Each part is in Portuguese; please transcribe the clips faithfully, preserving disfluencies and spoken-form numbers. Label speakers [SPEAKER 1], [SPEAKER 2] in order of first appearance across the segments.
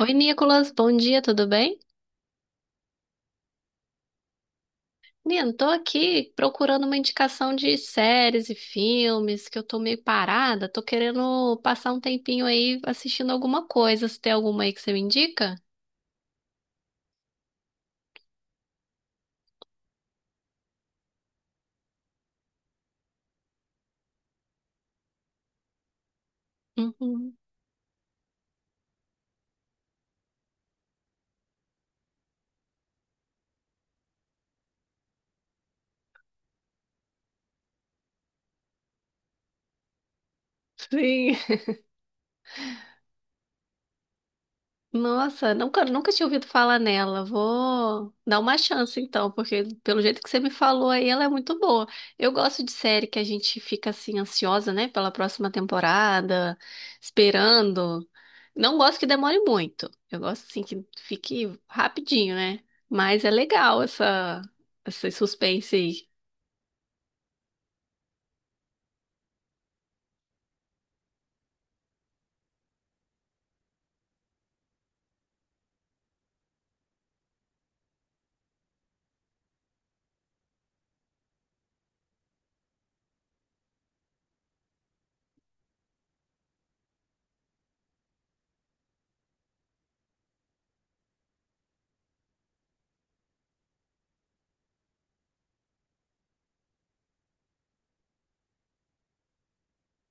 [SPEAKER 1] Oi, Nicolas, bom dia, tudo bem? Nino, tô aqui procurando uma indicação de séries e filmes, que eu tô meio parada, tô querendo passar um tempinho aí assistindo alguma coisa. Se tem alguma aí que você me indica? Uhum. Sim. Nossa, nunca, nunca tinha ouvido falar nela. Vou dar uma chance então, porque pelo jeito que você me falou aí, ela é muito boa. Eu gosto de série que a gente fica assim ansiosa, né, pela próxima temporada, esperando. Não gosto que demore muito. Eu gosto assim que fique rapidinho, né? Mas é legal essa esse suspense aí.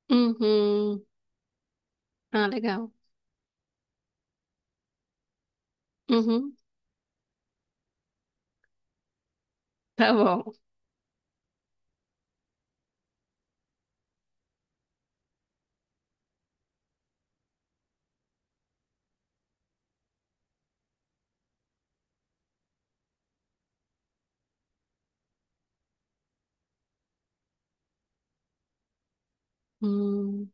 [SPEAKER 1] Uhum. Ah, legal. Uhum. Tá bom. Hum.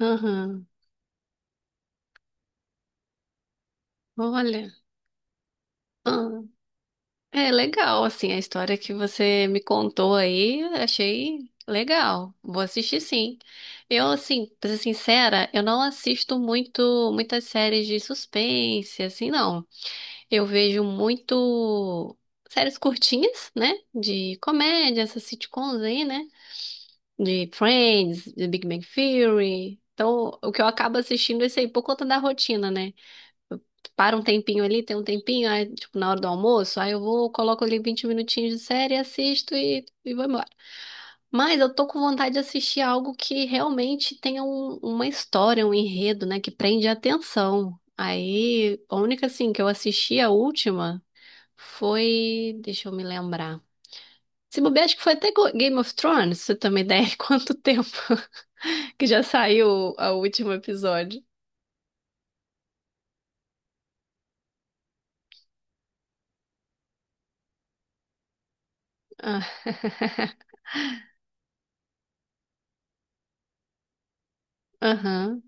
[SPEAKER 1] Aham. Olha. Ah. É legal, assim, a história que você me contou aí, achei legal. Vou assistir, sim. Eu, assim, pra ser sincera, eu não assisto muito muitas séries de suspense, assim, não. Eu vejo muito séries curtinhas, né? De comédia, essas sitcoms aí, né? De Friends, de Big Bang Theory. Então, o que eu acabo assistindo é isso aí por conta da rotina, né? Para um tempinho ali, tem um tempinho, aí, tipo, na hora do almoço, aí eu vou, coloco ali vinte minutinhos de série, assisto e, e vou embora. Mas eu tô com vontade de assistir algo que realmente tenha um- uma história, um enredo, né, que prende a atenção. Aí, a única, assim, que eu assisti, a última, foi. Deixa eu me lembrar. Se bobear, acho que foi até Go- Game of Thrones, pra você ter uma ideia de quanto tempo que já saiu o o último episódio. Ah. Aham.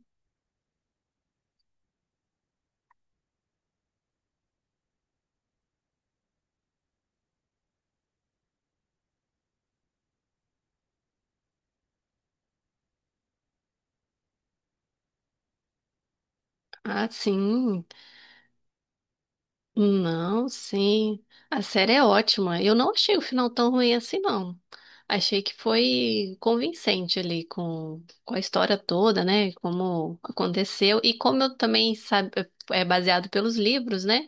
[SPEAKER 1] Ah, sim. Não, sim. A série é ótima. Eu não achei o final tão ruim assim, não. Achei que foi convincente ali com, com a história toda, né? Como aconteceu. E como eu também sabe, é é baseado pelos livros, né?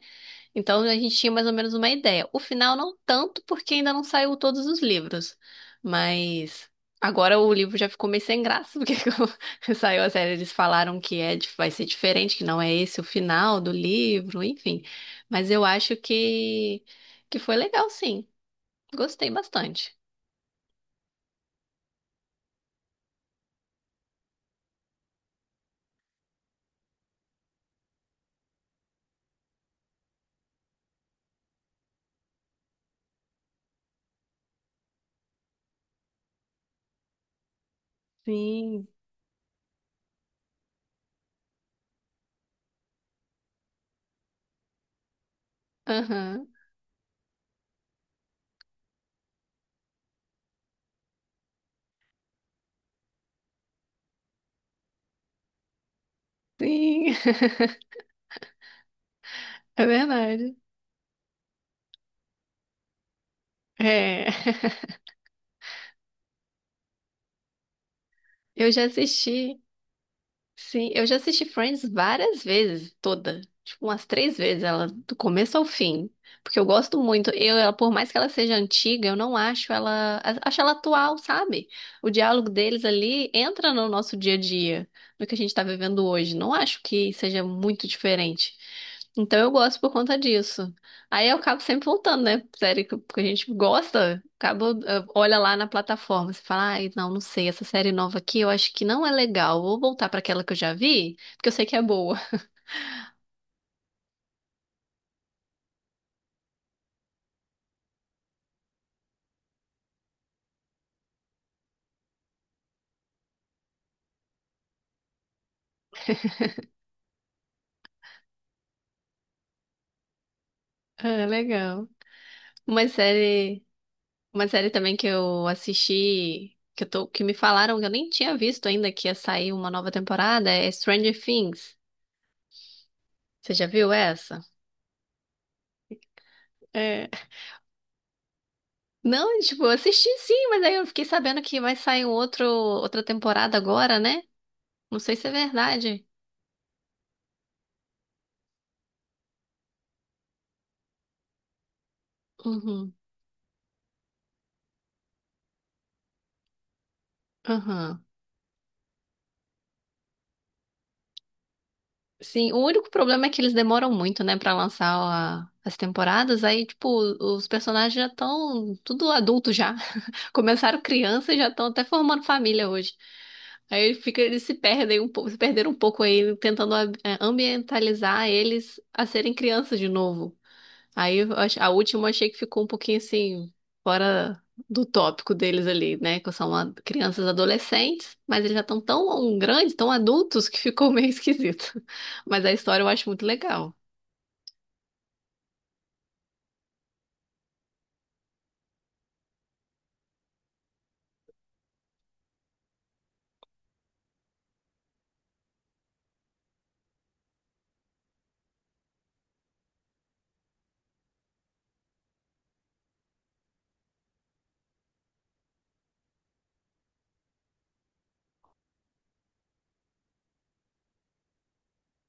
[SPEAKER 1] Então a gente tinha mais ou menos uma ideia. O final não tanto, porque ainda não saiu todos os livros. Mas agora o livro já ficou meio sem graça, porque quando saiu a série, eles falaram que é, dif- vai ser diferente, que não é esse o final do livro, enfim. Mas eu acho que, que foi legal, sim. Gostei bastante. Sim. Aham. Sim. É verdade. É. Eu já assisti. Sim, eu já assisti Friends várias vezes, toda. Tipo, umas três vezes, ela do começo ao fim. Porque eu gosto muito. Eu, ela, por mais que ela seja antiga, eu não acho ela. a- Acho ela atual, sabe? O diálogo deles ali entra no nosso dia a dia, no que a gente tá vivendo hoje. Não acho que seja muito diferente. Então eu gosto por conta disso. Aí eu acabo sempre voltando, né? Série que que a gente gosta, acaba, eh, olha lá na plataforma, você fala, ai, não, não sei, essa série nova aqui eu acho que não é legal. Vou voltar pra aquela que eu já vi, porque eu sei que é boa. É legal. Uma série, uma série também que eu assisti, que eu tô, que me falaram que eu nem tinha visto ainda que ia sair uma nova temporada, é Stranger Things. Você já viu essa? É. Não, tipo, eu assisti sim, mas aí eu fiquei sabendo que vai sair um outro, outra temporada agora, né? Não sei se é verdade. Uhum. Aham. Sim, o único problema é que eles demoram muito, né, pra lançar a- as temporadas. Aí, tipo, os personagens já estão tudo adulto já. Começaram criança e já estão até formando família hoje. Aí fica, eles se perdem um pouco, se perderam um pouco aí, tentando é, ambientalizar eles a serem crianças de novo. Aí eu ach- a última eu achei que ficou um pouquinho assim, fora do tópico deles ali, né? Que são a- crianças adolescentes, mas eles já estão tão grandes, tão adultos, que ficou meio esquisito. Mas a história eu acho muito legal.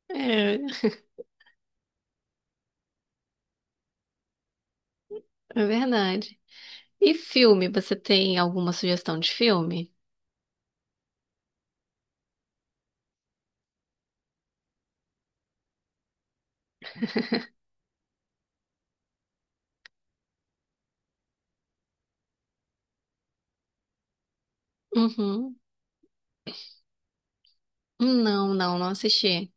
[SPEAKER 1] É, é verdade. E filme, você tem alguma sugestão de filme? Uhum. Não, não, não assisti.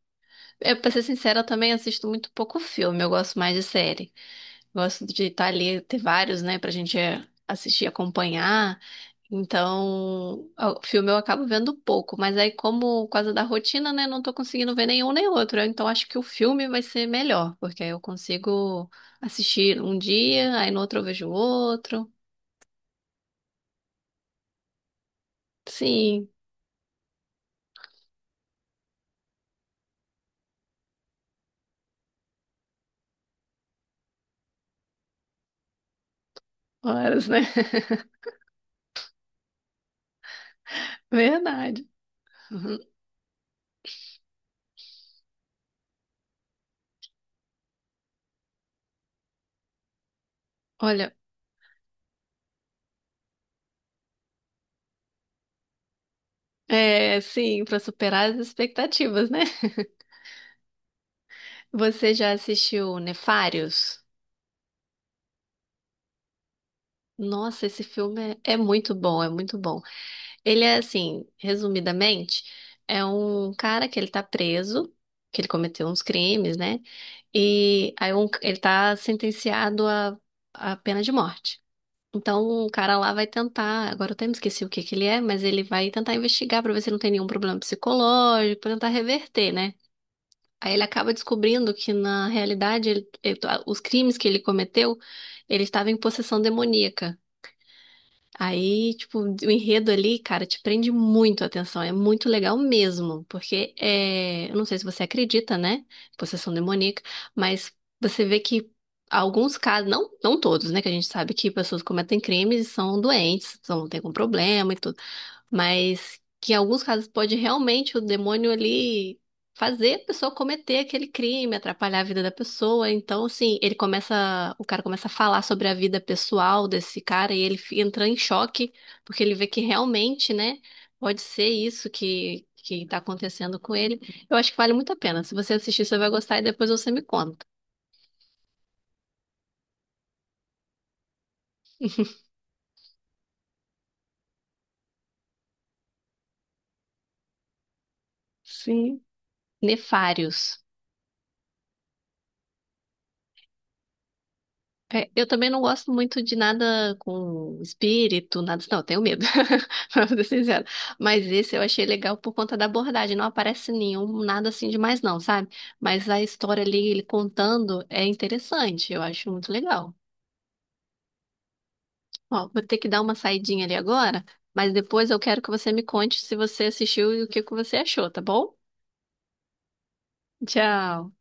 [SPEAKER 1] Eu, pra ser sincera, eu também assisto muito pouco filme, eu gosto mais de série. Gosto de estar ali, ter vários, né, pra gente é, assistir, acompanhar. Então, o filme eu acabo vendo pouco, mas aí, como por causa da rotina, né, não tô conseguindo ver nenhum nem outro. Então, acho que o filme vai ser melhor, porque aí eu consigo assistir um dia, aí no outro eu vejo outro. Sim, horas, né? Verdade. Uhum. Olha, é, sim, para superar as expectativas, né? Você já assistiu Nefários? Nossa, esse filme é é muito bom, é muito bom. Ele é assim, resumidamente, é um cara que ele tá preso, que ele cometeu uns crimes, né? E aí um- ele tá sentenciado à à pena de morte. Então o cara lá vai tentar, agora eu até me esqueci o que que ele é, mas ele vai tentar investigar pra ver se não tem nenhum problema psicológico, pra tentar reverter, né? Aí ele acaba descobrindo que na realidade ele- ele- os crimes que ele cometeu, ele estava em possessão demoníaca. Aí, tipo, o enredo ali, cara, te prende muito a atenção. É muito legal mesmo, porque é, eu não sei se você acredita, né? Possessão demoníaca, mas você vê que alguns casos, não, não todos, né? Que a gente sabe que pessoas cometem crimes e são doentes, são, tem algum problema e tudo. Mas que em alguns casos pode realmente o demônio ali fazer a pessoa cometer aquele crime, atrapalhar a vida da pessoa. Então, assim, ele começa, o cara começa a falar sobre a vida pessoal desse cara e ele fi- entra em choque, porque ele vê que realmente, né, pode ser isso que que tá acontecendo com ele. Eu acho que vale muito a pena. Se você assistir, você vai gostar e depois você me conta. Sim. Nefários. É, eu também não gosto muito de nada com espírito, nada. Não, eu tenho medo, pra ser sincero. Mas esse eu achei legal por conta da abordagem. Não aparece nenhum, nada assim demais, não, sabe? Mas a história ali, ele contando, é interessante. Eu acho muito legal. Ó, vou ter que dar uma saidinha ali agora, mas depois eu quero que você me conte se você assistiu e o que que você achou, tá bom? Tchau.